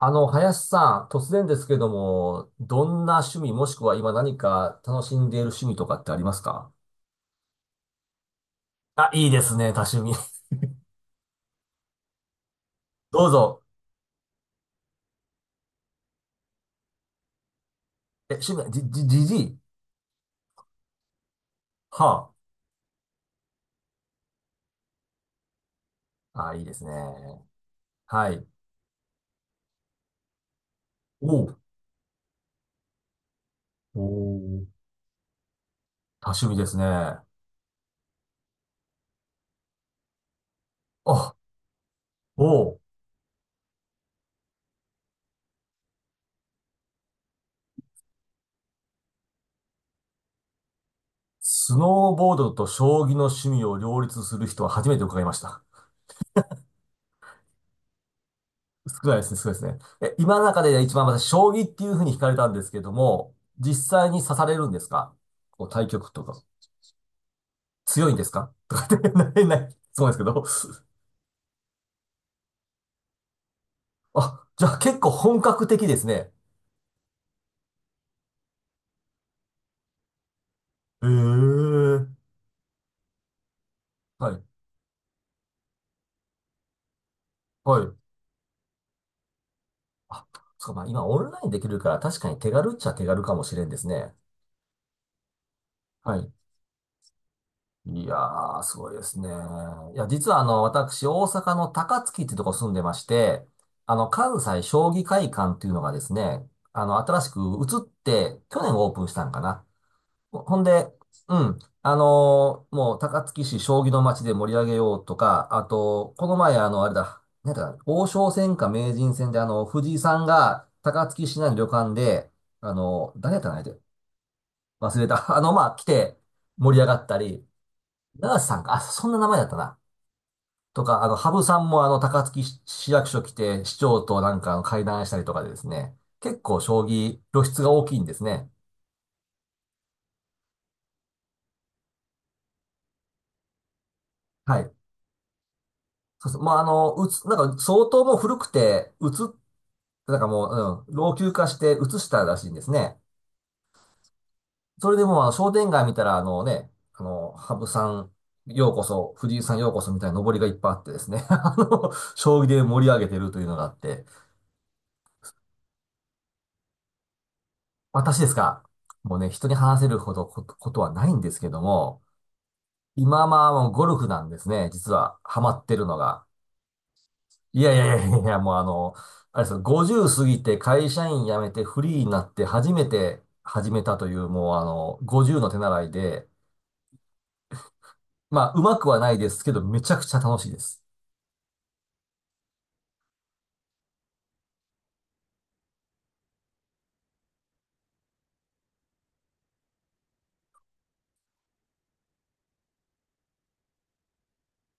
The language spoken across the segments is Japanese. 林さん、突然ですけども、どんな趣味もしくは今何か楽しんでいる趣味とかってありますか？あ、いいですね、多趣味。どうぞ。え、趣味、じじい？はあ。あ、いいですね。はい。おう。おー、多趣味ですね。あ、おう。スノーボードと将棋の趣味を両立する人は初めて伺いました。少ないですね、少ないですね。え、今の中で一番私、将棋っていうふうに惹かれたんですけども、実際に指されるんですか、こう対局とか？強いんですか とかって、なれない。そうですけど。あ、じゃあ結構本格的ですね。ええ、はい。はい。あ、そうか、まあ今オンラインできるから確かに手軽っちゃ手軽かもしれんですね。はい。いやー、すごいですね。いや、実はあの、私、大阪の高槻っていうとこ住んでまして、関西将棋会館っていうのがですね、新しく移って、去年オープンしたんかな。ほんで、うん。もう、高槻市将棋の街で盛り上げようとか、あと、この前、あの、あれだ、なんだか、王将戦か名人戦で、藤井さんが高槻市内の旅館で、誰やったかな、相手忘れた。まあ、来て盛り上がったり、長瀬さんか、あ、そんな名前だったな。とか、羽生さんも、高槻市市役所来て、市長となんか会談したりとかでですね、結構、将棋、露出が大きいんですね。はい。そうそう。まあ、なんか相当もう古くて、なんかもう、老朽化してうつしたらしいんですね。それでもう、商店街見たら、羽生さん、ようこそ、藤井さんようこそみたいな上りがいっぱいあってですね、将棋で盛り上げてるというのがあって、私ですか？もうね、人に話せるほどことはないんですけども、今まあ、もうゴルフなんですね、実は、ハマってるのが。いやいやいやいやいや、もうあれですよ、50過ぎて会社員辞めてフリーになって初めて始めたという、もう50の手習いで、まあ、うまくはないですけど、めちゃくちゃ楽しいです。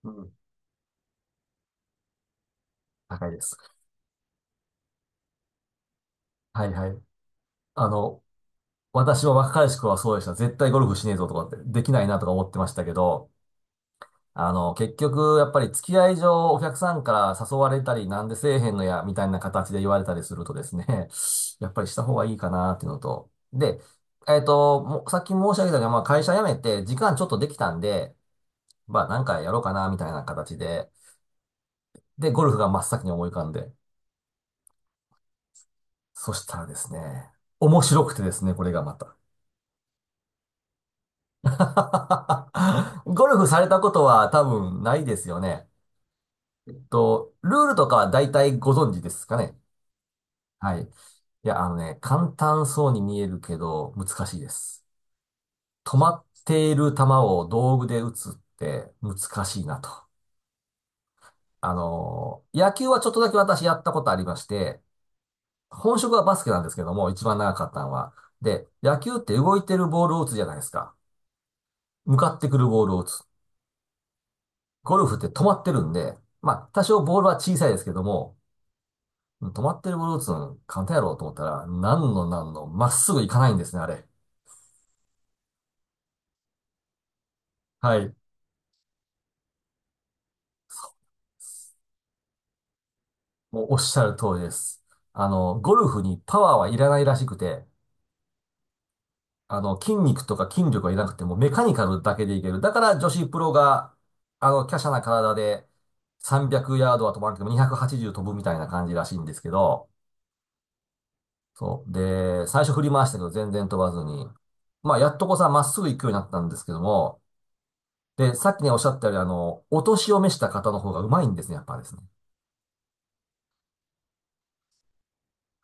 うん。高いです。はいはい。あの、私は若い頃はそうでした。絶対ゴルフしねえぞとかって、できないなとか思ってましたけど、結局、やっぱり付き合い上、お客さんから誘われたり、なんでせえへんのや、みたいな形で言われたりするとですね、やっぱりした方がいいかな、っていうのと。で、もうさっき申し上げたように、まあ、会社辞めて、時間ちょっとできたんで、まあ、なんかやろうかな、みたいな形で、で、ゴルフが真っ先に思い浮かんで、そしたらですね、面白くてですね、これがまた。ゴルフされたことは多分ないですよね。ルールとかは大体ご存知ですかね？はい。いや、簡単そうに見えるけど、難しいです。止まっている球を道具で打つって難しいなと。野球はちょっとだけ私やったことありまして、本職はバスケなんですけども、一番長かったのは。で、野球って動いてるボールを打つじゃないですか。向かってくるボールを打つ。ゴルフって止まってるんで、まあ、多少ボールは小さいですけども、止まってるボールを打つの簡単やろうと思ったら、なんのなんの、まっすぐ行かないんですね、あれ。はい。もうおっしゃる通りです。ゴルフにパワーはいらないらしくて、筋肉とか筋力はいらなくてもうメカニカルだけでいける。だから女子プロが、華奢な体で300ヤードは飛ばなくても280飛ぶみたいな感じらしいんですけど、そう。で、最初振り回したけど全然飛ばずに、まあ、やっとこさ、まっすぐ行くようになったんですけども、で、さっきね、おっしゃったように、お年を召した方の方がうまいんですね、やっぱりですね。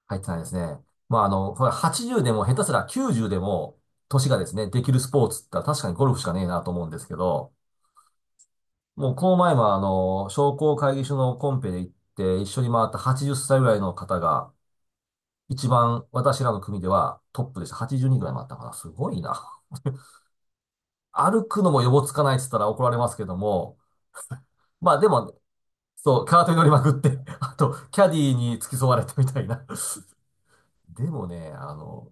入ってないですね。まあ、これ80でも下手すら90でも、年がですね、できるスポーツって言ったら確かにゴルフしかねえなと思うんですけど、もうこの前も商工会議所のコンペで行って一緒に回った80歳ぐらいの方が、一番私らの組ではトップでした。82ぐらい回ったかな。すごいな。歩くのも予防つかないって言ったら怒られますけども、まあでも、そう、カートに乗りまくって、あと、キャディーに付き添われてみたいな。でもね、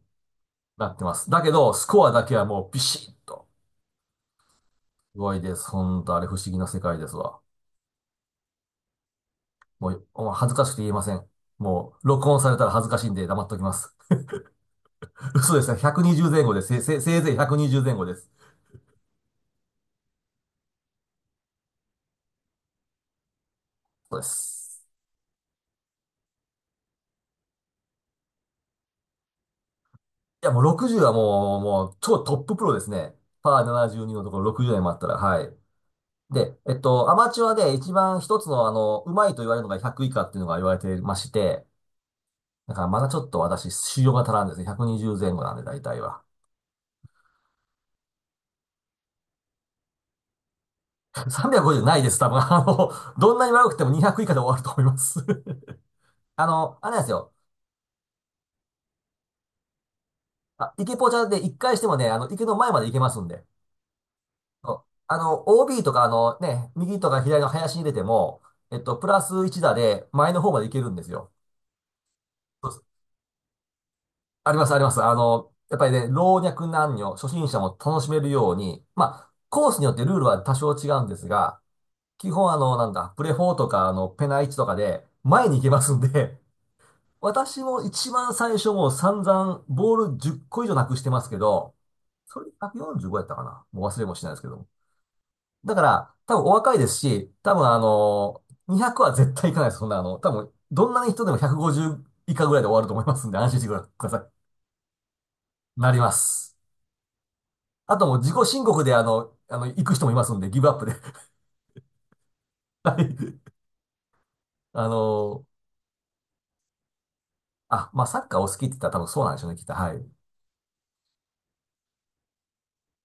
なってます。だけど、スコアだけはもうビシッと。すごいです。ほんと、あれ不思議な世界ですわ。もう恥ずかしくて言えません。もう、録音されたら恥ずかしいんで黙っときます。嘘ですね。120前後です。せいぜい120前後です。そうです。いや、もう60はもう、超トッププロですね。パー72のところ60代もあったら、はい。で、アマチュアで一番一つの、うまいと言われるのが100以下っていうのが言われてまして、だからまだちょっと私、修行が足らんですね。120前後なんで、大体は。350ないです、多分。どんなに悪くても200以下で終わると思います。あれなんですよ。あ、池ポチャで1回してもね、池の前まで行けますんで。そうOB とか、右とか左の林に入れても、プラス1打で前の方まで行けるんですよ。そうです。あります、あります。やっぱりね、老若男女、初心者も楽しめるように、まあ、コースによってルールは多少違うんですが、基本あの、なんだ、プレフォーとか、ペナ1とかで、前に行けますんで、私も一番最初もう散々ボール10個以上なくしてますけど、それで145やったかなもう忘れもしないですけども。だから、多分お若いですし、多分200は絶対いかないです。そんな多分、どんな人でも150以下ぐらいで終わると思いますんで、安心してください。なります。あともう自己申告であの、行く人もいますんで、ギブアップで。はい。あのー、あ、まあ、サッカーお好きって言ったら多分そうなんでしょうね、きっと。はい。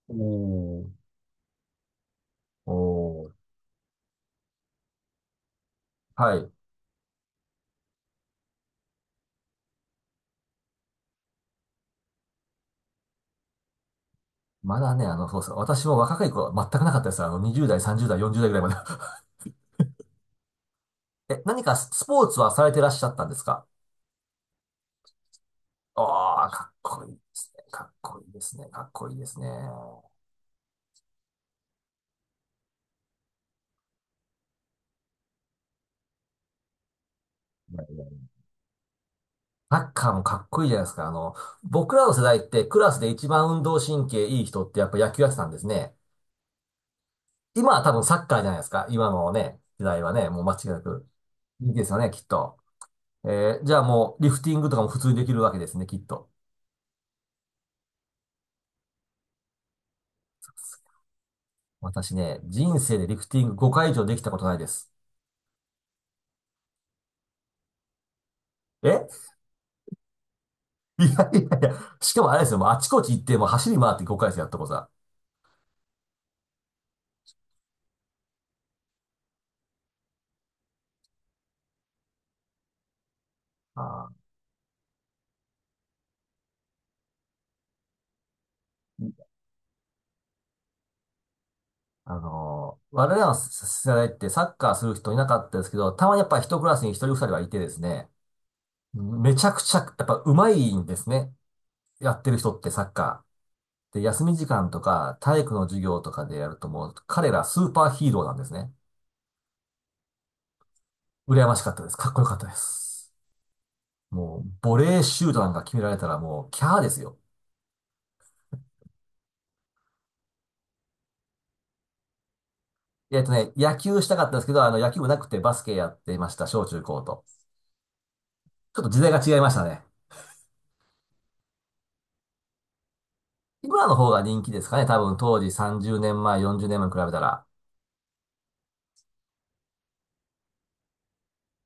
おーおーはい。まだね、そうそう。私も若い頃は全くなかったです。20代、30代、40代ぐらいまで。え、何かスポーツはされてらっしゃったんですか？ああー、かっこいいですね。かっこいいですね。かっこいいですね。いやいやサッカーもかっこいいじゃないですか。僕らの世代ってクラスで一番運動神経いい人ってやっぱ野球やってたんですね。今は多分サッカーじゃないですか。今のね、時代はね、もう間違いなく。いいですよね、きっと。じゃあもう、リフティングとかも普通にできるわけですね、きっと。私ね、人生でリフティング5回以上できたことないです。え いやいやいや。しかもあれですよ、もうあちこち行って、もう走り回って5回生やったことさ。あー、我々の世代ってサッカーする人いなかったですけど、たまにやっぱ一クラスに一人二人はいてですね、めちゃくちゃ、やっぱ上手いんですね。やってる人ってサッカー。で、休み時間とか体育の授業とかでやるともう彼らスーパーヒーローなんですね。羨ましかったです。かっこよかったです。もう、ボレーシュートなんか決められたらもう、キャーですよ。野球したかったんですけど、野球部なくてバスケやっていました、小中高と。ちょっと時代が違いましたね。今の方が人気ですかね、多分当時30年前、40年前に比べたら。